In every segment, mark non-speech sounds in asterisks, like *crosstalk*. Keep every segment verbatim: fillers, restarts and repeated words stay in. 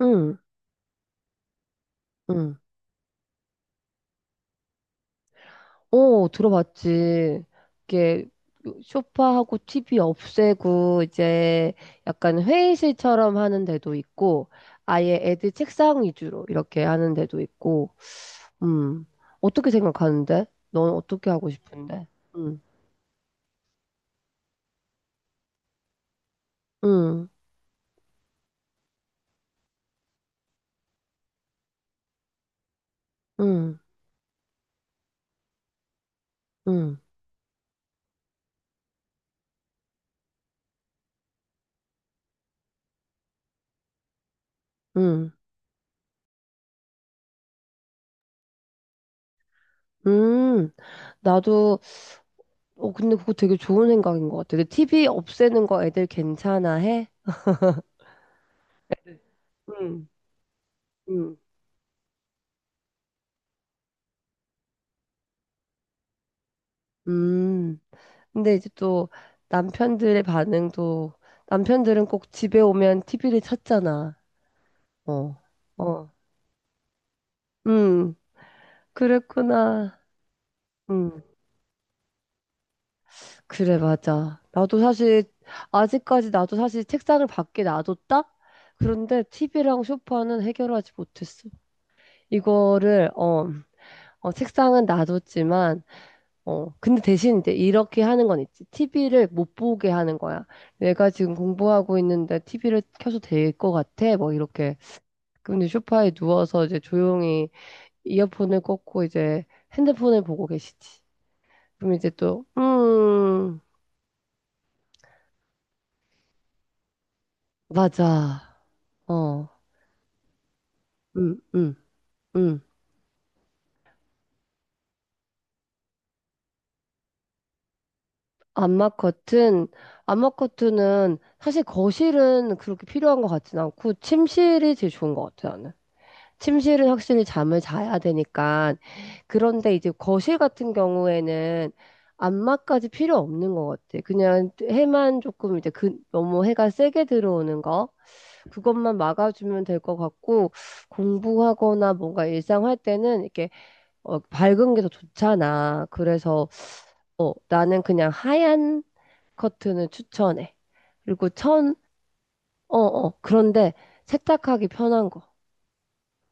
응, 응. 어, 들어봤지. 이게 소파하고 티비 없애고 이제 약간 회의실처럼 하는 데도 있고 아예 애들 책상 위주로 이렇게 하는 데도 있고. 음. 어떻게 생각하는데? 넌 어떻게 하고 싶은데? 응, 응, 응, 응, 응. 음, 나도. 어, 근데 그거 되게 좋은 생각인 것 같아. 근데 티비 없애는 거 애들 괜찮아 해? 응, 응, 음. 근데 이제 또 남편들의 반응도 남편들은 꼭 집에 오면 티비를 쳤잖아. 어, 어, 음, 그랬구나. 음, 그래, 맞아. 나도 사실 아직까지 나도 사실 책상을 밖에 놔뒀다? 그런데 티비랑 소파는 해결하지 못했어. 이거를 어, 어 책상은 놔뒀지만 어 근데 대신 이제 이렇게 하는 건 있지. 티비를 못 보게 하는 거야. 내가 지금 공부하고 있는데 티비를 켜도 될 것 같아. 뭐 이렇게 근데 소파에 누워서 이제 조용히 이어폰을 꽂고 이제 핸드폰을 보고 계시지. 그럼 이제 또, 음, 맞아. 어, 음, 음, 음. 암막 커튼, 암막 커튼은 사실 거실은 그렇게 필요한 것 같진 않고 침실이 제일 좋은 것 같아, 나는. 침실은 확실히 잠을 자야 되니까. 그런데 이제 거실 같은 경우에는 안마까지 필요 없는 것 같아. 그냥 해만 조금 이제 그, 너무 해가 세게 들어오는 거. 그것만 막아주면 될 것 같고, 공부하거나 뭔가 일상할 때는 이렇게 어, 밝은 게 더 좋잖아. 그래서 어, 나는 그냥 하얀 커튼을 추천해. 그리고 천, 어, 어, 그런데 세탁하기 편한 거.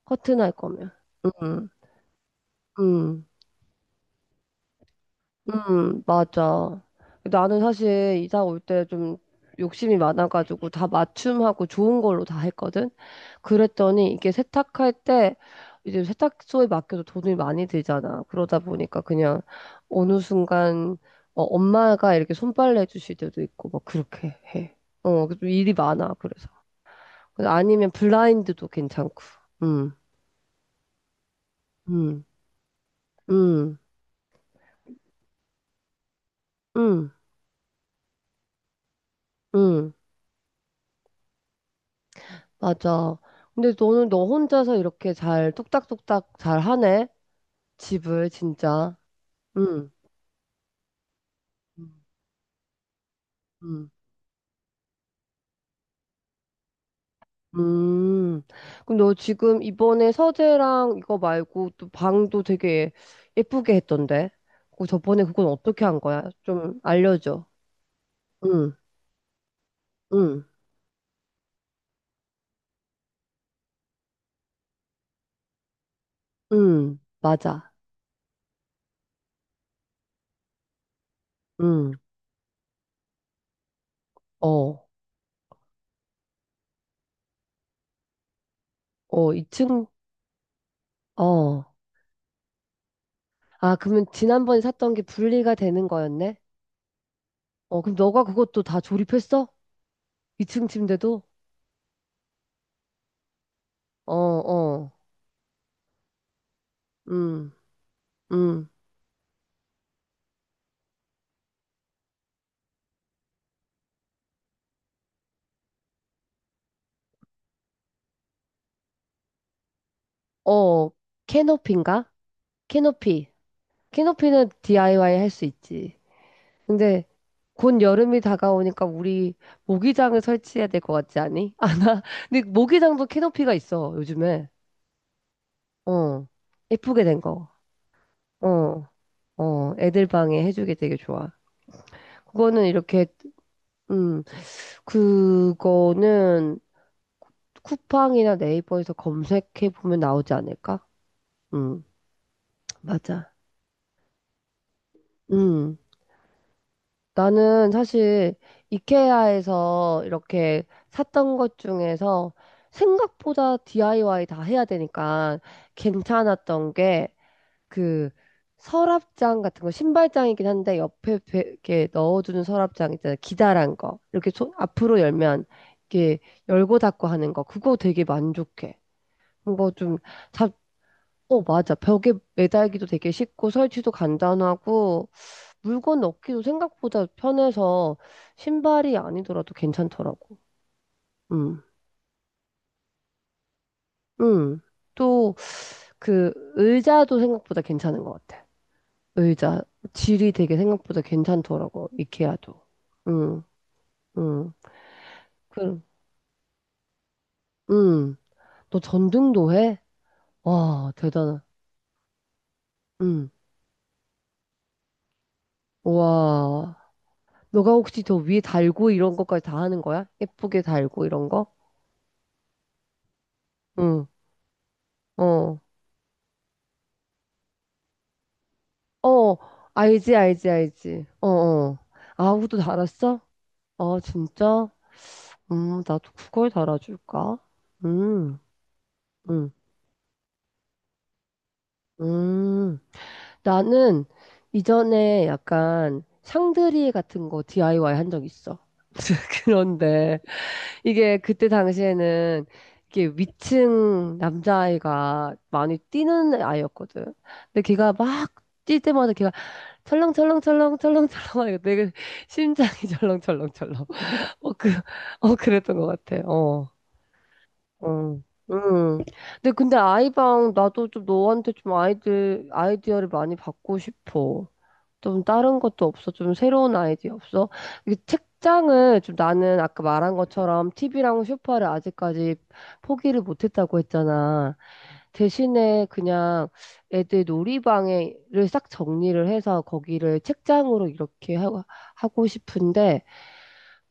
커튼 할 거면. 음, 음. 음, 맞아. 나는 사실 이사 올 때 좀 욕심이 많아가지고 다 맞춤하고 좋은 걸로 다 했거든. 그랬더니 이게 세탁할 때 이제 세탁소에 맡겨도 돈이 많이 들잖아. 그러다 보니까 그냥 어느 순간 어, 엄마가 이렇게 손빨래 해주실 때도 있고 막 그렇게 해. 어, 그래서 일이 많아. 그래서 아니면 블라인드도 괜찮고. 음, 음, 음, 음, 음. 맞아. 근데 너는 너 혼자서 이렇게 잘 뚝딱뚝딱 잘 하네? 집을 진짜. 응. 음. 음. 음. 그럼 너 지금 이번에 서재랑 이거 말고 또 방도 되게 예쁘게 했던데? 그 저번에 그건 어떻게 한 거야? 좀 알려줘. 응. 응. 응. 맞아. 응. 어. 어. 이 층. 어. 아, 그러면 지난번에 샀던 게 분리가 되는 거였네? 어. 그럼 너가 그것도 다 조립했어? 이 층 침대도? 어, 어, 음, 음, 어, 캐노피인가? 캐노피. 캐노피는 디아이와이 할 수 있지. 근데 곧 여름이 다가오니까 우리 모기장을 설치해야 될 것 같지 않니? *laughs* 아, 나, 근데 모기장도 캐노피가 있어, 요즘에. 어, 예쁘게 된 거. 어, 어, 애들 방에 해주기 되게 좋아. 그거는 이렇게, 음, 그거는 쿠팡이나 네이버에서 검색해보면 나오지 않을까? 음, 맞아. 음. 나는 사실 이케아에서 이렇게 샀던 것 중에서 생각보다 디아이와이 다 해야 되니까 괜찮았던 게 그 서랍장 같은 거 신발장이긴 한데 옆에 베- 이렇게 넣어주는 서랍장 있잖아 기다란 거 이렇게 손 앞으로 열면 이렇게 열고 닫고 하는 거 그거 되게 만족해. 뭔가 좀 잡, 어 맞아. 벽에 매달기도 되게 쉽고 설치도 간단하고 물건 넣기도 생각보다 편해서 신발이 아니더라도 괜찮더라고. 음, 음. 또 그 의자도 생각보다 괜찮은 것 같아. 의자 질이 되게 생각보다 괜찮더라고. 이케아도. 음, 음. 그럼, 음. 너 전등도 해? 와, 대단하. 음. 와. 너가 혹시 저 위에 달고 이런 것까지 다 하는 거야? 예쁘게 달고 이런 거? 응. 어. 어. 알지, 알지, 알지. 어, 어. 아우도 달았어? 아, 진짜? 음, 나도 그걸 달아줄까? 음, 음, 음. 나는 이전에 약간 샹드리 같은 거 디아이와이 한 적 있어. *laughs* 그런데 이게 그때 당시에는 이게 위층 남자아이가 많이 뛰는 아이였거든. 근데 걔가 막 뛸 때마다 걔가 철렁철렁철렁 철렁철렁 하니까 내가 심장이 *laughs* 철렁철렁철렁. 어, 그, 어, 그랬던 것 같아. 어. 응, 응. 근데 근데 아이방 나도 좀 너한테 좀 아이들 아이디어를 많이 받고 싶어. 좀 다른 것도 없어. 좀 새로운 아이디어 없어. 이 책장을 좀 나는 아까 말한 것처럼 티비랑 소파를 아직까지 포기를 못했다고 했잖아. 대신에 그냥 애들 놀이방에를 싹 정리를 해서 거기를 책장으로 이렇게 하- 하고 싶은데.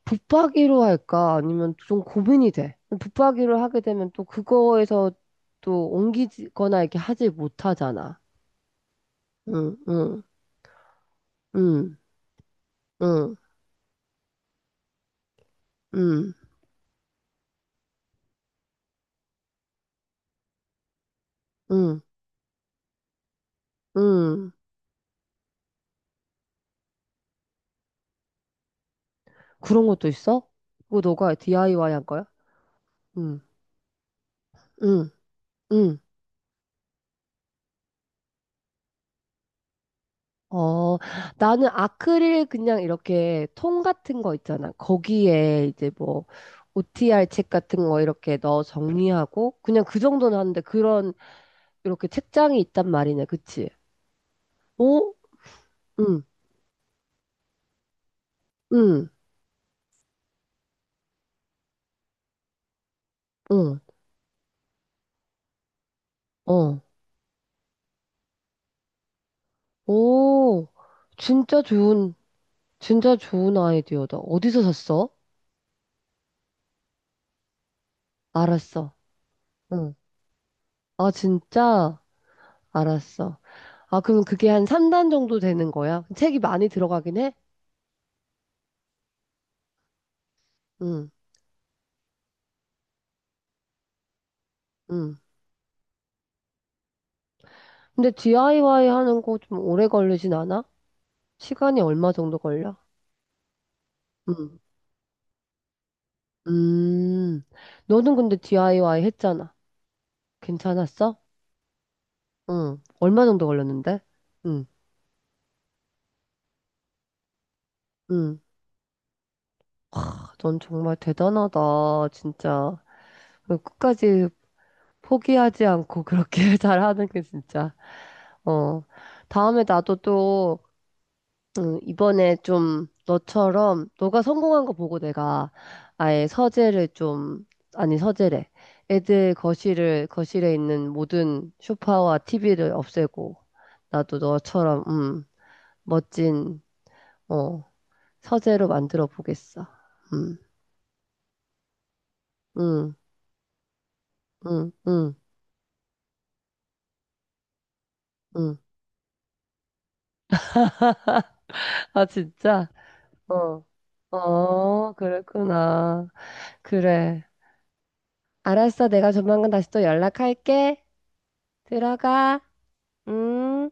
붙박이로 할까? 아니면 좀 고민이 돼. 붙박이로 하게 되면 또 그거에서 또 옮기거나 이렇게 하지 못하잖아. 응, 응, 응, 응, 응, 응, 응. 그런 것도 있어? 그거 너가 디아이와이 한 거야? 응, 응, 응. 어, 나는 아크릴 그냥 이렇게 통 같은 거 있잖아. 거기에 이제 뭐 오티알 책 같은 거 이렇게 넣어 정리하고 그냥 그 정도는 하는데 그런 이렇게 책장이 있단 말이네. 그치? 오, 응, 응, 응, 어. 오, 진짜 좋은, 진짜 좋은 아이디어다. 어디서 샀어? 알았어. 응. 아, 진짜? 알았어. 아, 그럼 그게 한 삼 단 정도 되는 거야? 책이 많이 들어가긴 해? 응, 응. 근데 디아이와이 하는 거 좀 오래 걸리진 않아? 시간이 얼마 정도 걸려? 응. 음, 너는 근데 디아이와이 했잖아. 괜찮았어? 응. 얼마 정도 걸렸는데? 응. 응. 아, 넌 정말 대단하다, 진짜. 그 끝까지 포기하지 않고 그렇게 *laughs* 잘하는 게 진짜. 어. 다음에 나도 또, 음, 이번에 좀 너처럼, 너가 성공한 거 보고 내가 아예 서재를 좀, 아니 서재래. 애들 거실을, 거실에 있는 모든 소파와 티비를 없애고, 나도 너처럼, 음, 멋진, 어, 서재로 만들어 보겠어. 음, 음, 음, 음, 음. 아, 진짜? 어. 어, 그랬구나. 그래. 알았어. 내가 조만간 다시 또 연락할게. 들어가. 음.